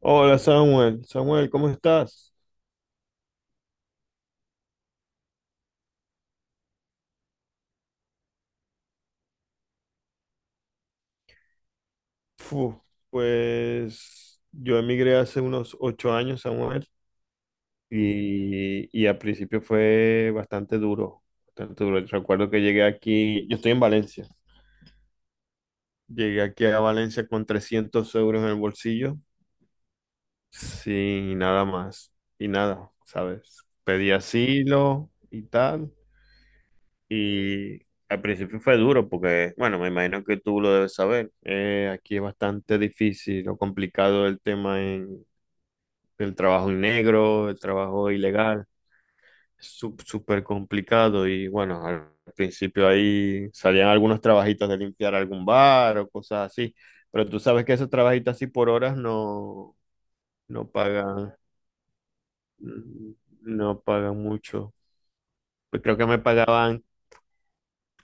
Hola Samuel, Samuel, ¿cómo estás? Fu, pues yo emigré hace unos 8 años, Samuel, y al principio fue bastante duro, bastante duro. Recuerdo que llegué aquí, yo estoy en Valencia, llegué aquí a Valencia con 300 euros en el bolsillo, sin nada más, y nada, ¿sabes? Pedí asilo y tal. Y al principio fue duro porque, bueno, me imagino que tú lo debes saber. Aquí es bastante difícil o complicado el tema del trabajo en negro, el trabajo ilegal. Es súper complicado y bueno, al principio ahí salían algunos trabajitos de limpiar algún bar o cosas así. Pero tú sabes que esos trabajitos así por horas no, no pagan, mm, no pagan mucho. Pues creo que me pagaban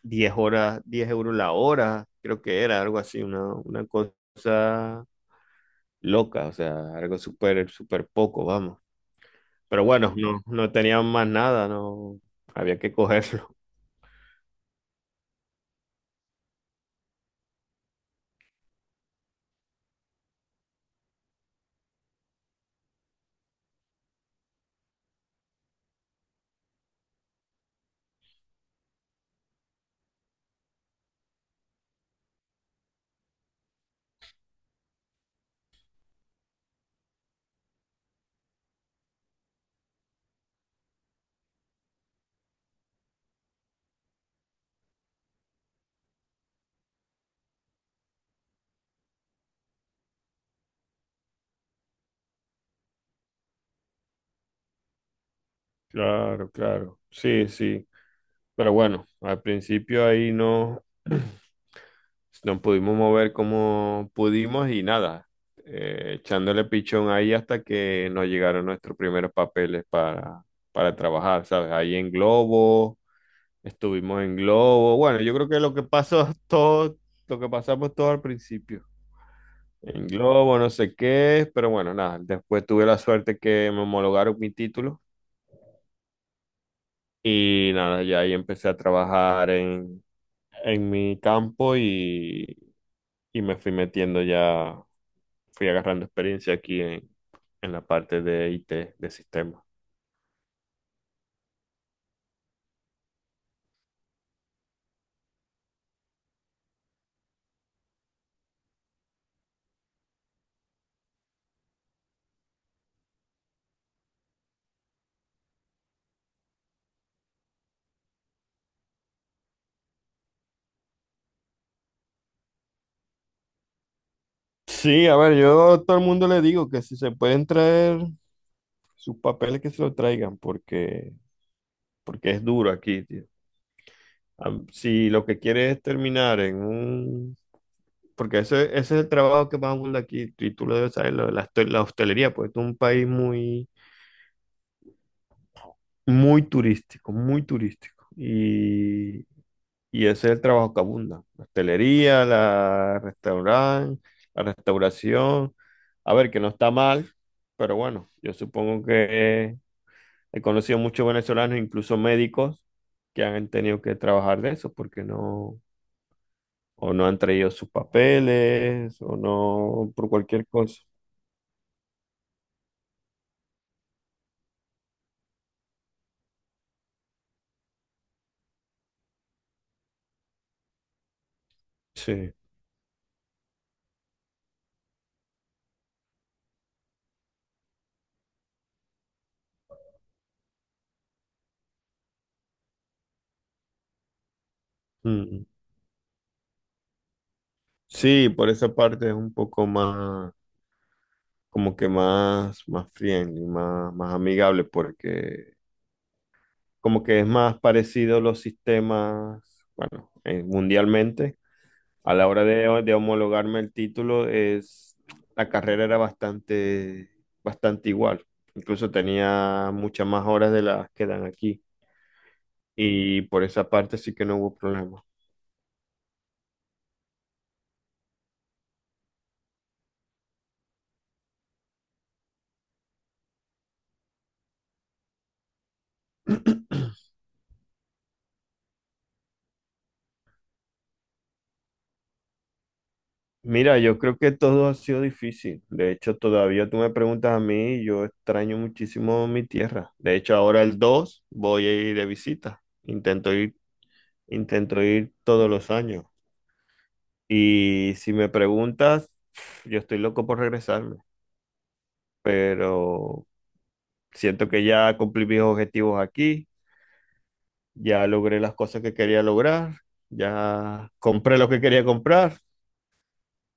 10 euros la hora, creo que era algo así, una cosa loca, o sea, algo súper, súper poco, vamos. Pero bueno, no, no tenían más nada, no había que cogerlo. Claro, claro, sí, sí. Pero bueno, al principio ahí no, nos pudimos mover como pudimos y nada, echándole pichón ahí hasta que nos llegaron nuestros primeros papeles para trabajar, ¿sabes? Ahí en globo estuvimos en globo. Bueno, yo creo que lo que pasó todo, lo que pasamos todo al principio. En globo, no sé qué, pero bueno, nada. Después tuve la suerte que me homologaron mi título y nada, ya ahí empecé a trabajar en mi campo y me fui metiendo ya, fui agarrando experiencia aquí en la parte de IT, de sistemas. Sí, a ver, yo a todo el mundo le digo que si se pueden traer sus papeles que se lo traigan, porque es duro aquí, tío. Si lo que quieres es terminar en un... Porque ese es el trabajo que más abunda aquí, y tú lo debes saber, lo de la hostelería, porque esto es un país muy, muy turístico, muy turístico. Y ese es el trabajo que abunda. La hostelería, la restaurante, la restauración. A ver, que no está mal, pero bueno, yo supongo que he conocido muchos venezolanos, incluso médicos, que han tenido que trabajar de eso, porque no o no han traído sus papeles, o no, por cualquier cosa. Sí. Mm. Sí, por esa parte es un poco más, como que más, más friendly, más, más amigable, porque como que es más parecido los sistemas, bueno, mundialmente. A la hora de homologarme el título, es, la carrera era bastante, bastante igual. Incluso tenía muchas más horas de las que dan aquí. Y por esa parte sí que no hubo problema. Mira, yo creo que todo ha sido difícil. De hecho, todavía tú me preguntas a mí y yo extraño muchísimo mi tierra. De hecho, ahora el 2 voy a ir de visita. Intento ir todos los años. Y si me preguntas, yo estoy loco por regresarme, pero siento que ya cumplí mis objetivos aquí, ya logré las cosas que quería lograr, ya compré lo que quería comprar.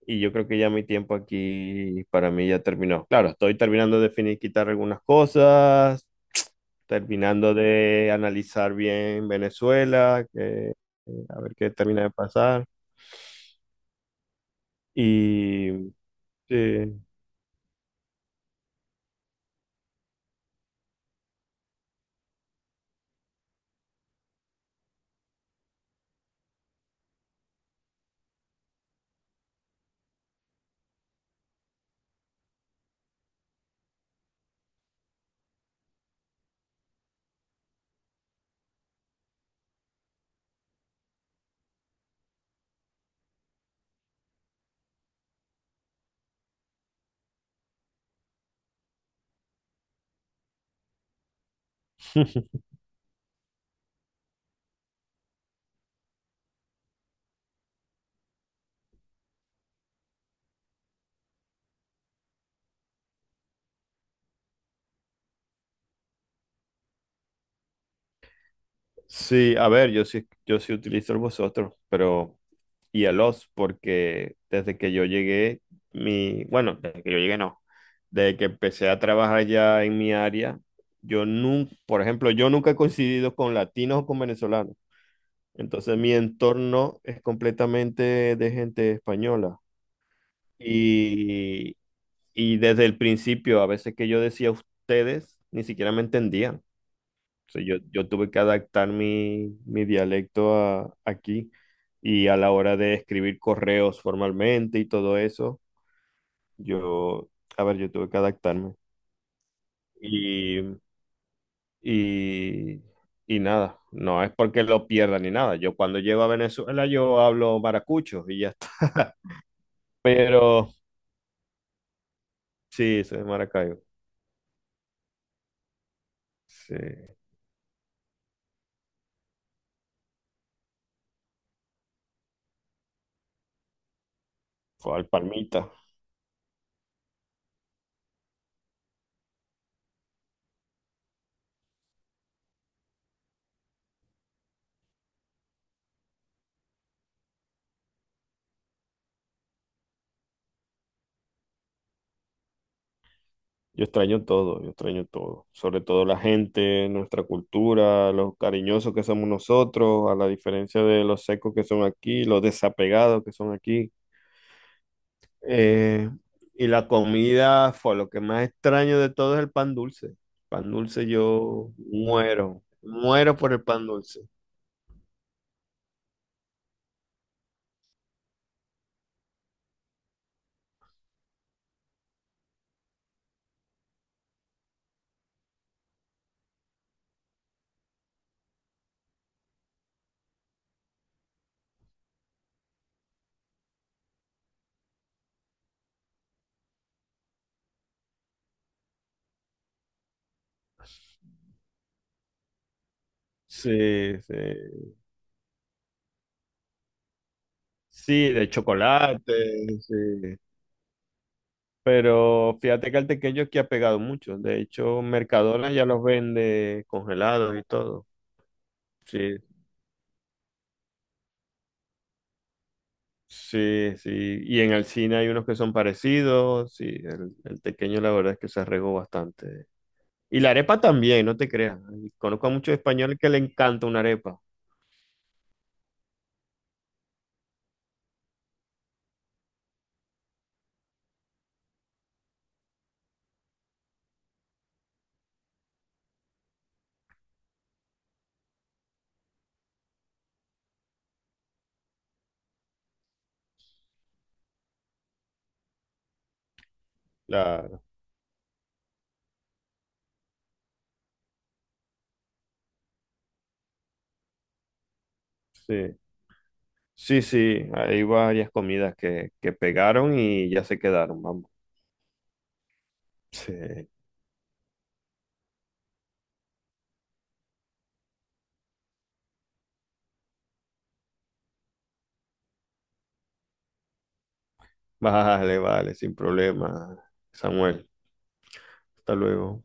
Y yo creo que ya mi tiempo aquí para mí ya terminó. Claro, estoy terminando de finiquitar algunas cosas, terminando de analizar bien Venezuela, que, a ver qué termina de pasar. Y sí. Sí, a ver, yo sí utilizo el vosotros, pero y el os, porque desde que yo llegué, bueno, desde que yo llegué no, desde que empecé a trabajar ya en mi área, yo nunca, por ejemplo, yo nunca he coincidido con latinos o con venezolanos, entonces mi entorno es completamente de gente española. Y, y desde el principio, a veces que yo decía ustedes, ni siquiera me entendían. O sea, yo tuve que adaptar mi dialecto aquí y a la hora de escribir correos formalmente y todo eso, yo, a ver, yo tuve que adaptarme. Y, y, y nada, no es porque lo pierda ni nada. Yo cuando llego a Venezuela yo hablo maracucho y ya está. Pero sí, soy de Maracaibo. Sí, fue al Palmita. Yo extraño todo, sobre todo la gente, nuestra cultura, los cariñosos que somos nosotros, a la diferencia de los secos que son aquí, los desapegados que son aquí. Eh, y la comida fue lo que más extraño de todo es el pan dulce. Pan dulce yo muero, muero por el pan dulce. Sí, sí, sí, de chocolate, sí. Pero fíjate que el tequeño aquí ha pegado mucho. De hecho, Mercadona ya los vende congelados y todo. Sí, sí, sí. Y en el cine hay unos que son parecidos. Sí, el tequeño la verdad es que se arregó bastante. Y la arepa también, no te creas. Conozco a muchos españoles que le encanta una arepa. Claro. Sí, sí, sí. Hay varias comidas que pegaron y ya se quedaron, vamos. Sí. Vale, vale, sin problema, Samuel. Hasta luego.